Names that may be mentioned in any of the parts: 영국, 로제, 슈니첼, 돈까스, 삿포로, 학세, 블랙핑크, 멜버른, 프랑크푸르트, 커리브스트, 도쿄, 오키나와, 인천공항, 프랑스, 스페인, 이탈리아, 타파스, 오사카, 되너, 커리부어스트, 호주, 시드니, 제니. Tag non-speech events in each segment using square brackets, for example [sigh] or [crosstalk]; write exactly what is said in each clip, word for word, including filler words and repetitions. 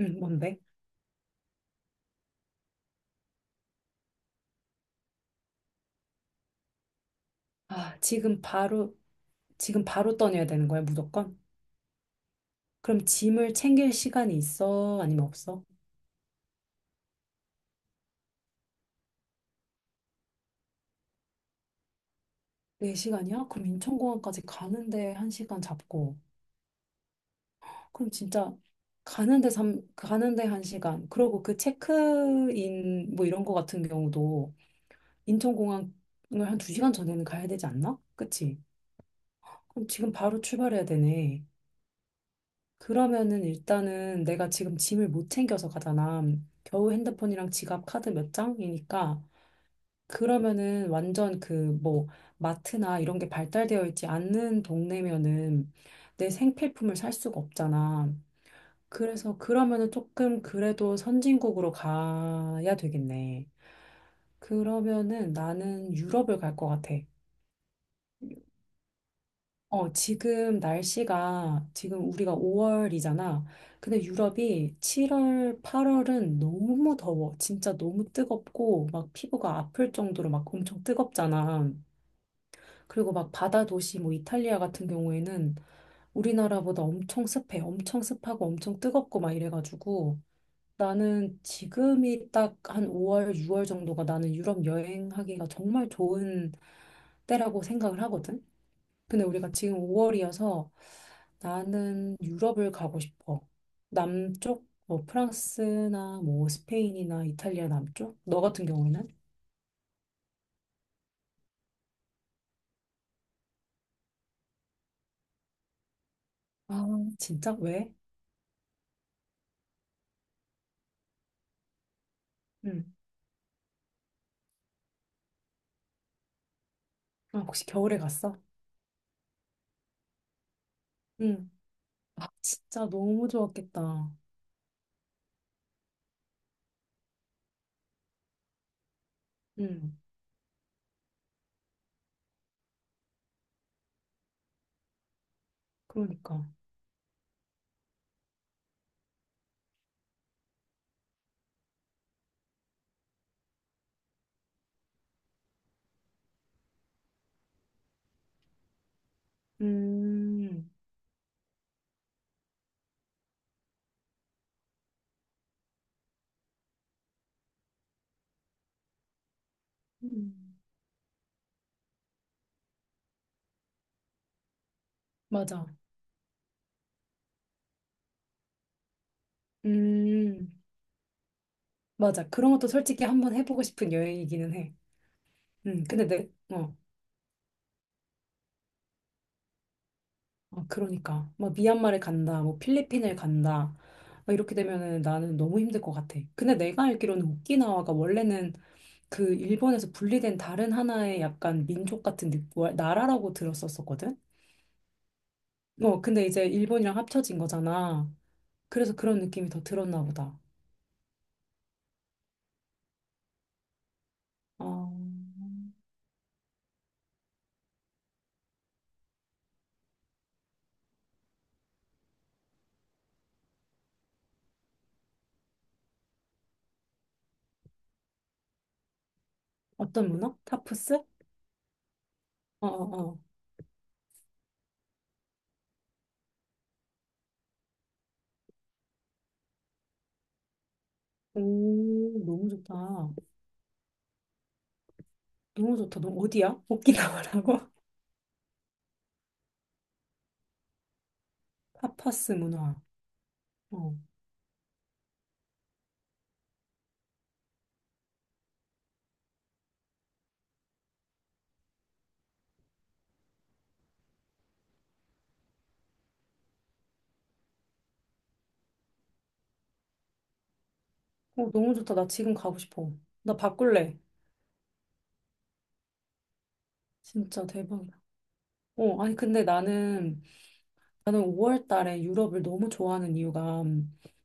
응, 뭔데? 아, 지금 바로, 지금 바로 떠내야 되는 거야, 무조건? 그럼 짐을 챙길 시간이 있어? 아니면 없어? 네 시간이야. 그럼 인천공항까지 가는데 한 시간 잡고. 그럼 진짜 가는데 삼 가는데 한시간, 그리고 그 체크인 뭐 이런 거 같은 경우도 인천공항을 한 두 시간 전에는 가야 되지 않나? 그치? 그럼 지금 바로 출발해야 되네. 그러면은 일단은 내가 지금 짐을 못 챙겨서 가잖아. 겨우 핸드폰이랑 지갑, 카드 몇 장이니까. 그러면은 완전 그 뭐 마트나 이런 게 발달되어 있지 않는 동네면은 내 생필품을 살 수가 없잖아. 그래서 그러면은 조금 그래도 선진국으로 가야 되겠네. 그러면은 나는 유럽을 갈 것 같아. 어, 지금 날씨가, 지금 우리가 오월이잖아. 근데 유럽이 칠월, 팔월은 너무 더워. 진짜 너무 뜨겁고, 막 피부가 아플 정도로 막 엄청 뜨겁잖아. 그리고 막 바다 도시, 뭐 이탈리아 같은 경우에는 우리나라보다 엄청 습해. 엄청 습하고 엄청 뜨겁고 막 이래가지고 나는 지금이 딱 한 오월, 유월 정도가 나는 유럽 여행하기가 정말 좋은 때라고 생각을 하거든. 근데 우리가 지금 오월이어서 나는 유럽을 가고 싶어. 남쪽, 뭐 프랑스나 뭐 스페인이나 이탈리아 남쪽? 너 같은 경우에는? 아, 진짜? 왜? 응. 아, 혹시 겨울에 갔어? 응. 아, 진짜 너무 좋았겠다. 응. 그러니까. 음, 음. 맞아. 음, 맞아. 그런 것도 솔직히 한번 해보고 싶은 여행이기는 해. 응. 근데 내, 어. 아, 그러니까. 막 미얀마를 간다, 뭐 필리핀을 간다. 막 이렇게 되면은 나는 너무 힘들 것 같아. 근데 내가 알기로는 오키나와가 원래는 그 일본에서 분리된 다른 하나의 약간 민족 같은 느- 뭐, 나라라고 들었었거든? 어, 근데 이제 일본이랑 합쳐진 거잖아. 그래서 그런 느낌이 더 들었나 보다. 어, 어떤 문화? 타프스? 어, 어, 어. 오, 너무 좋다. 너무 좋다. 너 어디야? 오키나와라고? [laughs] 타파스 문화. 어. 어, 너무 좋다. 나 지금 가고 싶어. 나 바꿀래. 진짜 대박이다. 어, 아니, 근데 나는, 나는 오월 달에 유럽을 너무 좋아하는 이유가,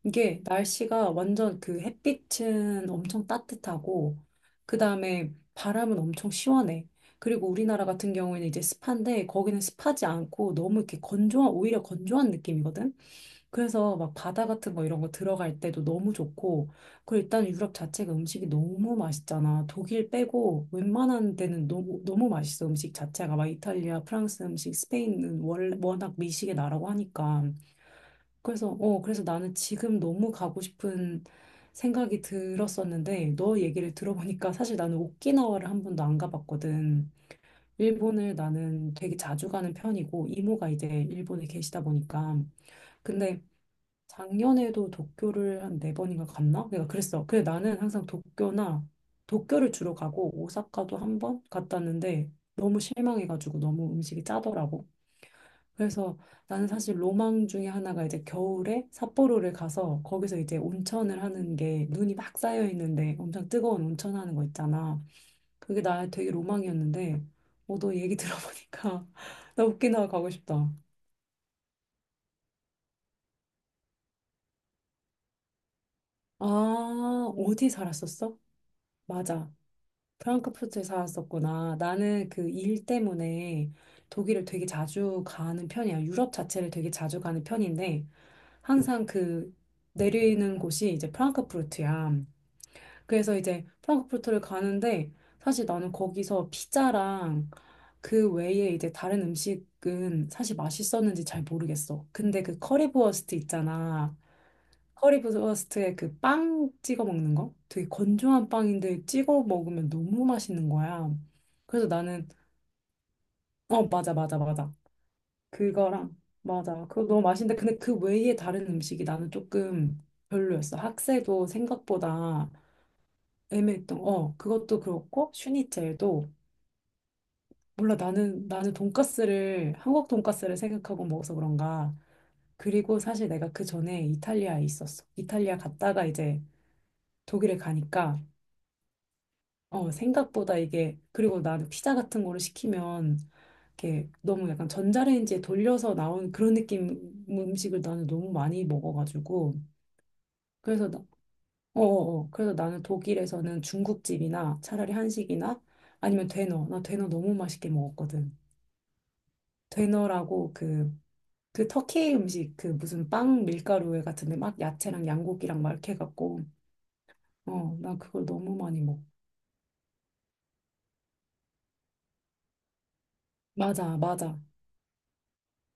이게 날씨가 완전 그 햇빛은 엄청 따뜻하고, 그 다음에 바람은 엄청 시원해. 그리고 우리나라 같은 경우에는 이제 습한데, 거기는 습하지 않고 너무 이렇게 건조한, 오히려 건조한 느낌이거든? 그래서 막 바다 같은 거 이런 거 들어갈 때도 너무 좋고, 그리고 일단 유럽 자체가 음식이 너무 맛있잖아. 독일 빼고 웬만한 데는 너무, 너무 맛있어. 음식 자체가 막 이탈리아, 프랑스 음식, 스페인은 월, 워낙 미식의 나라고 하니까. 그래서, 어, 그래서 나는 지금 너무 가고 싶은 생각이 들었었는데, 너 얘기를 들어보니까 [laughs] 사실 나는 오키나와를 한 번도 안 가봤거든. 일본을 나는 되게 자주 가는 편이고, 이모가 이제 일본에 계시다 보니까. 근데 작년에도 도쿄를 한 네 번인가 갔나? 내가 그랬어. 그래 나는 항상 도쿄나 도쿄를 주로 가고 오사카도 한 번 갔다 왔는데 너무 실망해가지고 너무 음식이 짜더라고. 그래서 나는 사실 로망 중에 하나가 이제 겨울에 삿포로를 가서 거기서 이제 온천을 하는 게, 눈이 막 쌓여 있는데 엄청 뜨거운 온천 하는 거 있잖아. 그게 나의 되게 로망이었는데, 어, 너 얘기 들어보니까 [laughs] 나 오키나와 가고 싶다. 아, 어디 살았었어? 맞아. 프랑크푸르트에 살았었구나. 나는 그 일 때문에 독일을 되게 자주 가는 편이야. 유럽 자체를 되게 자주 가는 편인데 항상 그 내리는 곳이 이제 프랑크푸르트야. 그래서 이제 프랑크푸르트를 가는데 사실 나는 거기서 피자랑 그 외에 이제 다른 음식은 사실 맛있었는지 잘 모르겠어. 근데 그 커리부어스트 있잖아. 커리브스트에 그 빵 찍어 먹는 거? 되게 건조한 빵인데 찍어 먹으면 너무 맛있는 거야. 그래서 나는, 어, 맞아 맞아 맞아, 그거랑. 맞아, 그거 너무 맛있는데, 근데 그 외에 다른 음식이 나는 조금 별로였어. 학세도 생각보다 애매했던, 어, 그것도 그렇고 슈니첼도, 몰라. 나는 나는 돈까스를, 한국 돈까스를 생각하고 먹어서 그런가. 그리고 사실 내가 그 전에 이탈리아에 있었어. 이탈리아 갔다가 이제 독일에 가니까 어, 생각보다 이게, 그리고 나는 피자 같은 거를 시키면, 이렇게 너무 약간 전자레인지에 돌려서 나온 그런 느낌 음식을 나는 너무 많이 먹어가지고. 그래서, 나, 어, 어, 어. 그래서 나는 독일에서는 중국집이나 차라리 한식이나 아니면 되너. 나 되너 너무 맛있게 먹었거든. 되너라고 그, 그 터키 음식, 그 무슨 빵 밀가루에 같은데 막 야채랑 양고기랑 막 이렇게 해갖고, 어, 나 그걸 너무 많이 먹어. 맞아, 맞아.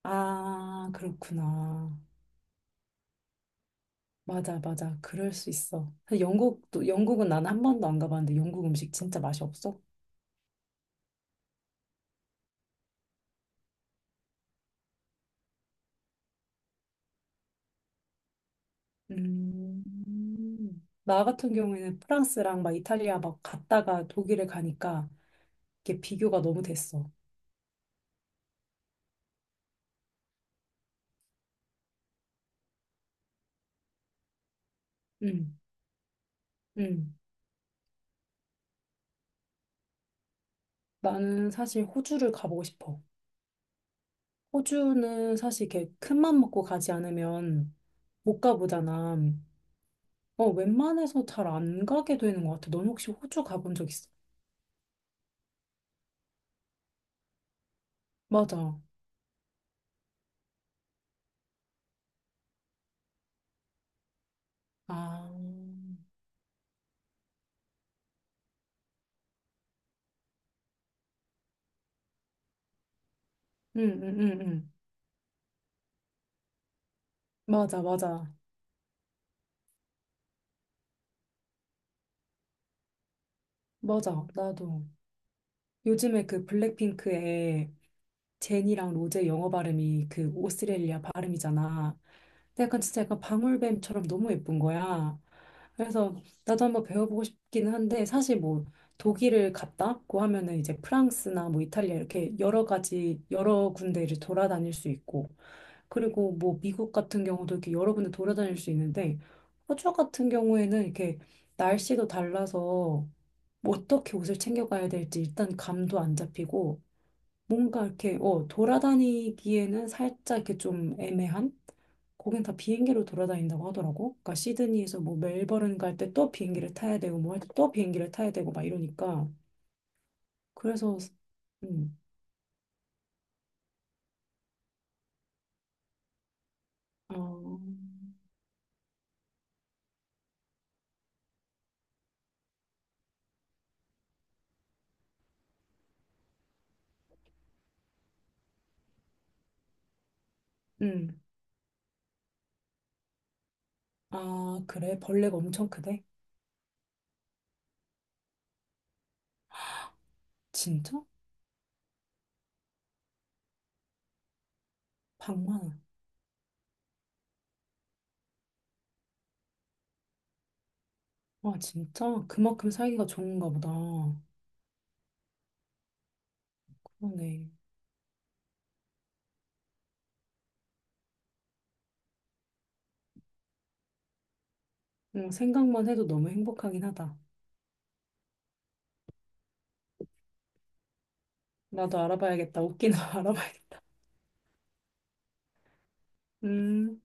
아, 그렇구나. 맞아, 맞아. 그럴 수 있어. 사실 영국도, 영국은 나는 한 번도 안 가봤는데 영국 음식 진짜 맛이 없어. 음. 나 같은 경우에는 프랑스랑 막 이탈리아 막 갔다가 독일에 가니까 이게 비교가 너무 됐어. 음, 음. 나는 사실 호주를 가보고 싶어. 호주는 사실 이렇게 큰맘 먹고 가지 않으면 못 가보잖아. 어, 웬만해서 잘 안 가게 되는 것 같아. 넌 혹시 호주 가본 적 있어? 맞아. 아. 응, 응, 응, 맞아, 맞아, 맞아. 나도 요즘에 그 블랙핑크의 제니랑 로제 영어 발음이 그 오스트레일리아 발음이잖아. 근데 약간 진짜 약간 방울뱀처럼 너무 예쁜 거야. 그래서 나도 한번 배워보고 싶긴 한데, 사실 뭐 독일을 갔다 왔고 하면은 이제 프랑스나 뭐 이탈리아 이렇게 여러 가지 여러 군데를 돌아다닐 수 있고, 그리고 뭐 미국 같은 경우도 이렇게 여러 군데 돌아다닐 수 있는데, 호주 같은 경우에는 이렇게 날씨도 달라서 뭐 어떻게 옷을 챙겨가야 될지 일단 감도 안 잡히고, 뭔가 이렇게 어 돌아다니기에는 살짝 이렇게 좀 애매한. 거긴 다 비행기로 돌아다닌다고 하더라고. 그러니까 시드니에서 뭐 멜버른 갈 때 또 비행기를 타야 되고 뭐 할 때 또 비행기를 타야 되고 막 이러니까 그래서. 음. 어. 음. 아, 그래? 벌레가 엄청 크대? 진짜? 방만. 와, 진짜? 그만큼 살기가 좋은가 보다. 그러네. 응, 생각만 해도 너무 행복하긴 하다. 나도 알아봐야겠다. 웃기나 [laughs] 알아봐야겠다. 음.